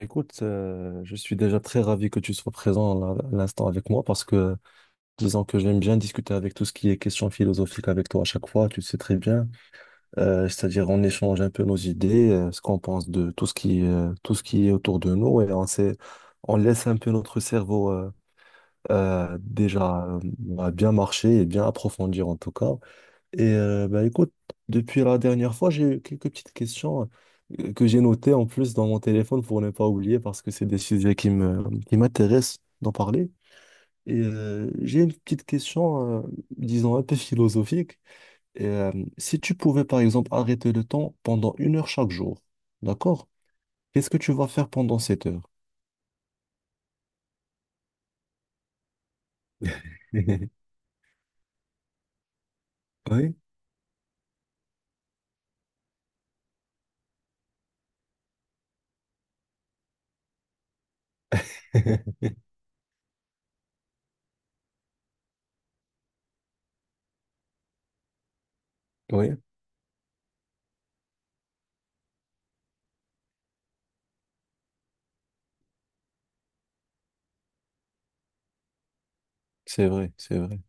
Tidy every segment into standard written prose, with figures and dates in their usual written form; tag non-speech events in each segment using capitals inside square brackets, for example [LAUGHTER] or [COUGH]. Écoute, je suis déjà très ravi que tu sois présent à l'instant avec moi parce que disons que j'aime bien discuter avec tout ce qui est question philosophique avec toi à chaque fois, tu le sais très bien. C'est-à-dire on échange un peu nos idées, ce qu'on pense de tout ce qui est autour de nous et on laisse un peu notre cerveau déjà bah, bien marcher et bien approfondir en tout cas. Et bah, écoute, depuis la dernière fois, j'ai eu quelques petites questions que j'ai notées en plus dans mon téléphone pour ne pas oublier parce que c'est des sujets qui m'intéressent d'en parler. Et j'ai une petite question, disons, un peu philosophique. Et, si tu pouvais, par exemple, arrêter le temps pendant une heure chaque jour, d'accord? Qu'est-ce que tu vas faire pendant cette heure? [LAUGHS] Oui, [LAUGHS] oui, c'est vrai, c'est vrai.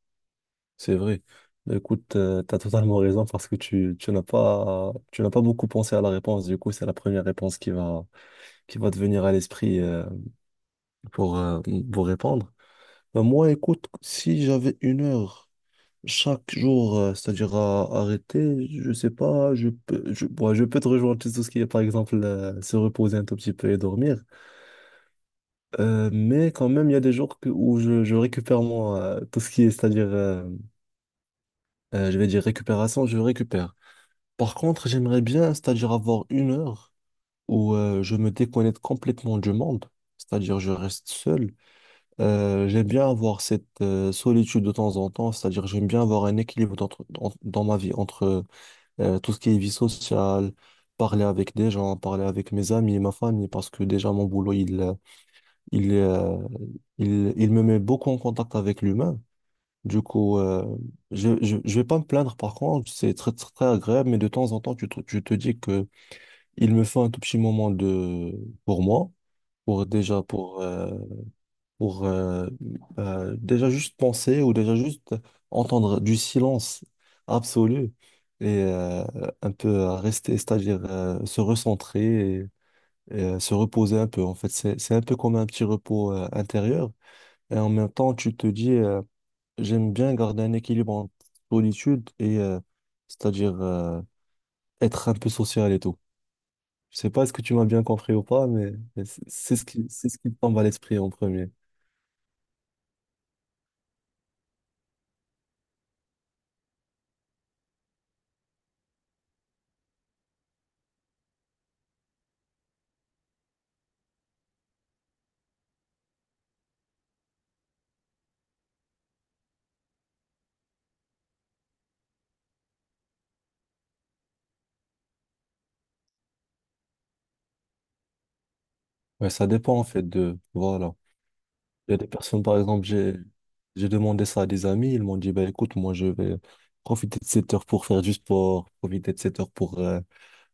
C'est vrai. Bah, écoute, t'as totalement raison parce que tu n'as pas beaucoup pensé à la réponse. Du coup, c'est la première réponse qui va te venir à l'esprit pour, euh, pour répondre. Bah, moi, écoute, si j'avais une heure chaque jour, c'est-à-dire à arrêter, je sais pas, bon, je peux te rejoindre sur tout ce qui est, par exemple, se reposer un tout petit peu et dormir. Mais quand même, il y a des jours où je récupère moi, tout ce qui est, c'est-à-dire, je vais dire récupération, je récupère. Par contre, j'aimerais bien, c'est-à-dire avoir une heure où je me déconnecte complètement du monde, c'est-à-dire je reste seul. J'aime bien avoir cette solitude de temps en temps, c'est-à-dire j'aime bien avoir un équilibre dans ma vie entre tout ce qui est vie sociale, parler avec des gens, parler avec mes amis et ma famille, parce que déjà mon boulot, il, euh, il me met beaucoup en contact avec l'humain. Du coup, je vais pas me plaindre par contre, c'est très, très, très agréable, mais de temps en temps, tu te dis que il me faut un tout petit moment de pour moi, pour déjà pour euh, pour déjà juste penser ou déjà juste entendre du silence absolu et un peu rester, c'est-à-dire se recentrer et, se reposer un peu. En fait, c'est un peu comme un petit repos intérieur et en même temps tu te dis j'aime bien garder un équilibre entre solitude et c'est-à-dire être un peu social et tout. Je sais pas est-ce que tu m'as bien compris ou pas, mais c'est ce qui me tombe à l'esprit en premier. Ouais, ça dépend en fait de, voilà. Il y a des personnes, par exemple, j'ai demandé ça à des amis, ils m'ont dit, bah écoute, moi je vais profiter de cette heure pour faire du sport, profiter de cette heure pour euh,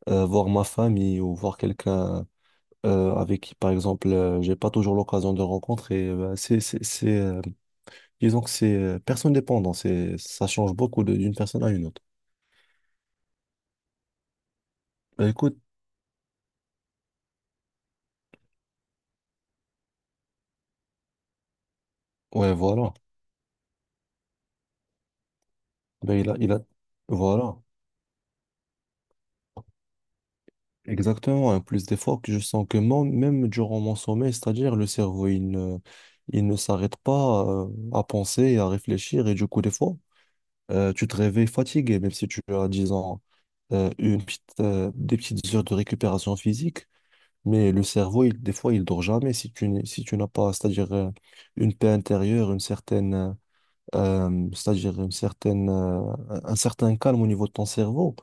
euh, voir ma famille ou voir quelqu'un avec qui, par exemple, j'ai pas toujours l'occasion de rencontrer. Bah, disons que c'est personne dépendant, ça change beaucoup d'une personne à une autre. Bah écoute, ouais, voilà. Bah, voilà. Exactement, hein, plus d'efforts que je sens que moi, même durant mon sommeil, c'est-à-dire le cerveau, il ne s'arrête pas à penser et à réfléchir. Et du coup, des fois, tu te réveilles fatigué, même si tu as, disons, des petites heures de récupération physique. Mais le cerveau, des fois, il dort jamais si tu n'as pas, c'est-à-dire une paix intérieure, une certaine, c'est-à-dire une certaine, un certain calme au niveau de ton cerveau.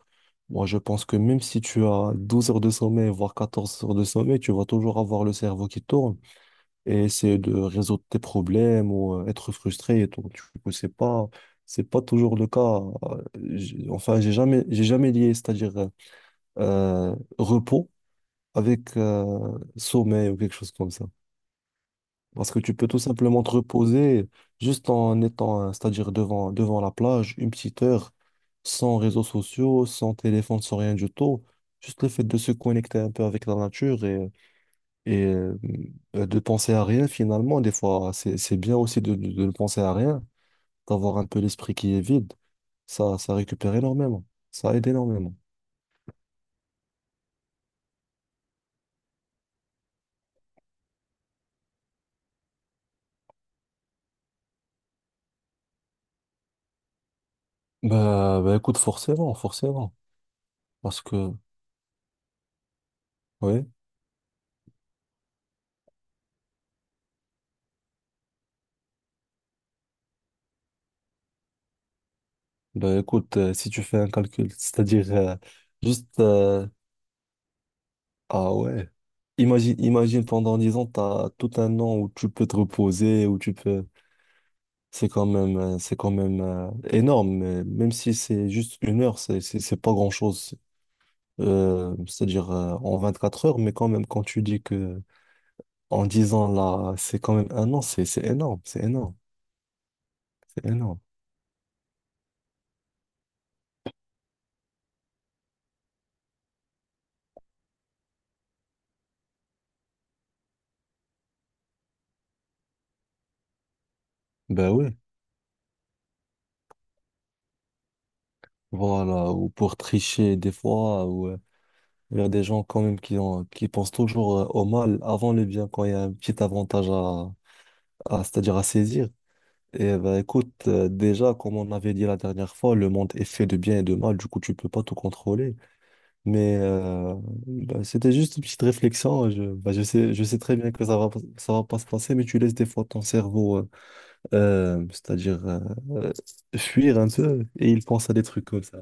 Moi, je pense que même si tu as 12 heures de sommeil, voire 14 heures de sommeil, tu vas toujours avoir le cerveau qui tourne et essayer de résoudre tes problèmes ou être frustré et tout. Du coup, c'est pas toujours le cas. Enfin, j'ai jamais lié, c'est-à-dire repos avec sommeil ou quelque chose comme ça. Parce que tu peux tout simplement te reposer juste en étant, c'est-à-dire devant la plage, une petite heure, sans réseaux sociaux, sans téléphone, sans rien du tout. Juste le fait de se connecter un peu avec la nature et, de penser à rien finalement. Des fois, c'est bien aussi de ne penser à rien, d'avoir un peu l'esprit qui est vide. Ça récupère énormément. Ça aide énormément. Bah écoute, forcément, forcément. Parce que, oui. Ben écoute, si tu fais un calcul, c'est-à-dire juste, ah ouais. Imagine pendant 10 ans, tu as tout un an où tu peux te reposer, où tu peux. C'est quand même, énorme, mais même si c'est juste une heure, c'est pas grand-chose. C'est-à-dire en 4 heures, mais quand même, quand tu dis que en 10 ans, là, c'est quand même un an, c'est énorme, c'est énorme, c'est énorme. Ben oui, voilà, ou pour tricher des fois, ou... Il y a des gens quand même qui pensent toujours au mal avant le bien quand il y a un petit avantage c'est-à-dire à saisir. Et ben écoute, déjà, comme on avait dit la dernière fois, le monde est fait de bien et de mal, du coup, tu peux pas tout contrôler. Mais ben, c'était juste une petite réflexion. Ben, je sais très bien que ça va pas se passer, mais tu laisses des fois ton cerveau, c'est-à-dire euh, fuir un peu, et il pense à des trucs comme ça.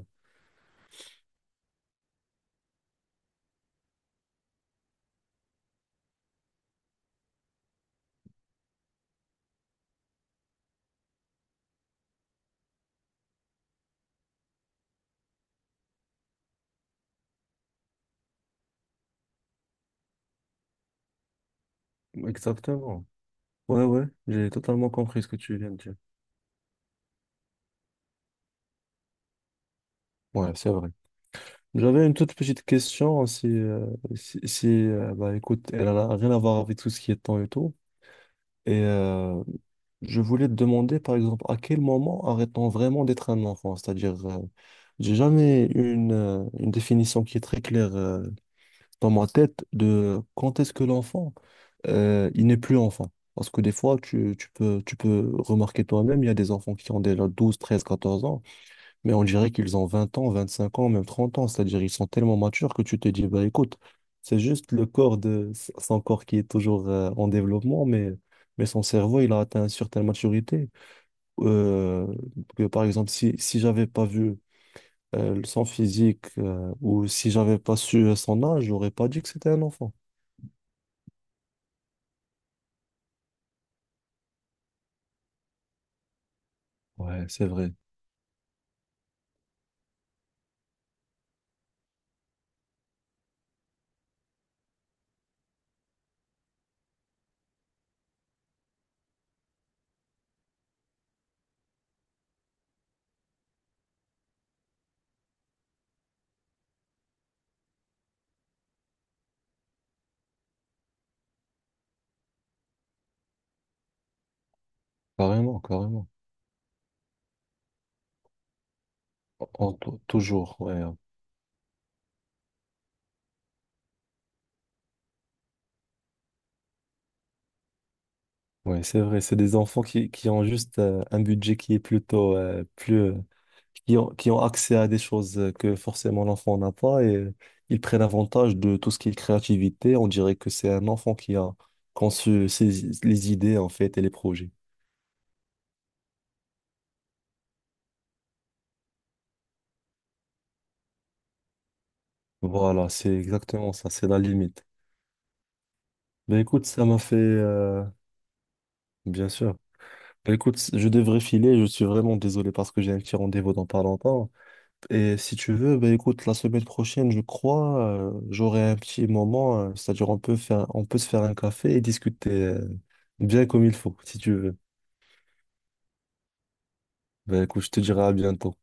Exactement. Ouais, ouais, j'ai totalement compris ce que tu viens de dire. Ouais, c'est vrai. J'avais une toute petite question si, si, si, bah, écoute, elle n'a rien à voir avec tout ce qui est temps et tout. Et je voulais te demander, par exemple, à quel moment arrête-t-on vraiment d'être un enfant? C'est-à-dire, j'ai jamais eu une définition qui est très claire dans ma tête de quand est-ce que l'enfant, il n'est plus enfant. Parce que des fois, tu peux remarquer toi-même, il y a des enfants qui ont déjà 12, 13, 14 ans. Mais on dirait qu'ils ont 20 ans, 25 ans, même 30 ans. C'est-à-dire ils sont tellement matures que tu te dis, bah écoute, c'est juste le corps de son corps qui est toujours en développement, mais son cerveau, il a atteint une certaine maturité. Euh, que, par exemple, si j'avais pas vu son physique ou si j'avais pas su son âge, j'aurais pas dit que c'était un enfant. Ouais, c'est vrai. Carrément, carrément. Toujours, ouais. Ouais, c'est vrai, c'est des enfants qui ont juste un budget qui est plutôt plus qui ont accès à des choses que forcément l'enfant n'a pas et ils prennent avantage de tout ce qui est créativité. On dirait que c'est un enfant qui a conçu les idées en fait et les projets. Voilà, c'est exactement ça, c'est la limite. Ben écoute, ça m'a fait bien sûr. Ben écoute, je devrais filer, je suis vraiment désolé parce que j'ai un petit rendez-vous dans pas longtemps. Et si tu veux, bah écoute, la semaine prochaine, je crois, j'aurai un petit moment, c'est-à-dire on peut se faire un café et discuter, bien comme il faut, si tu veux. Bah écoute, je te dirai à bientôt.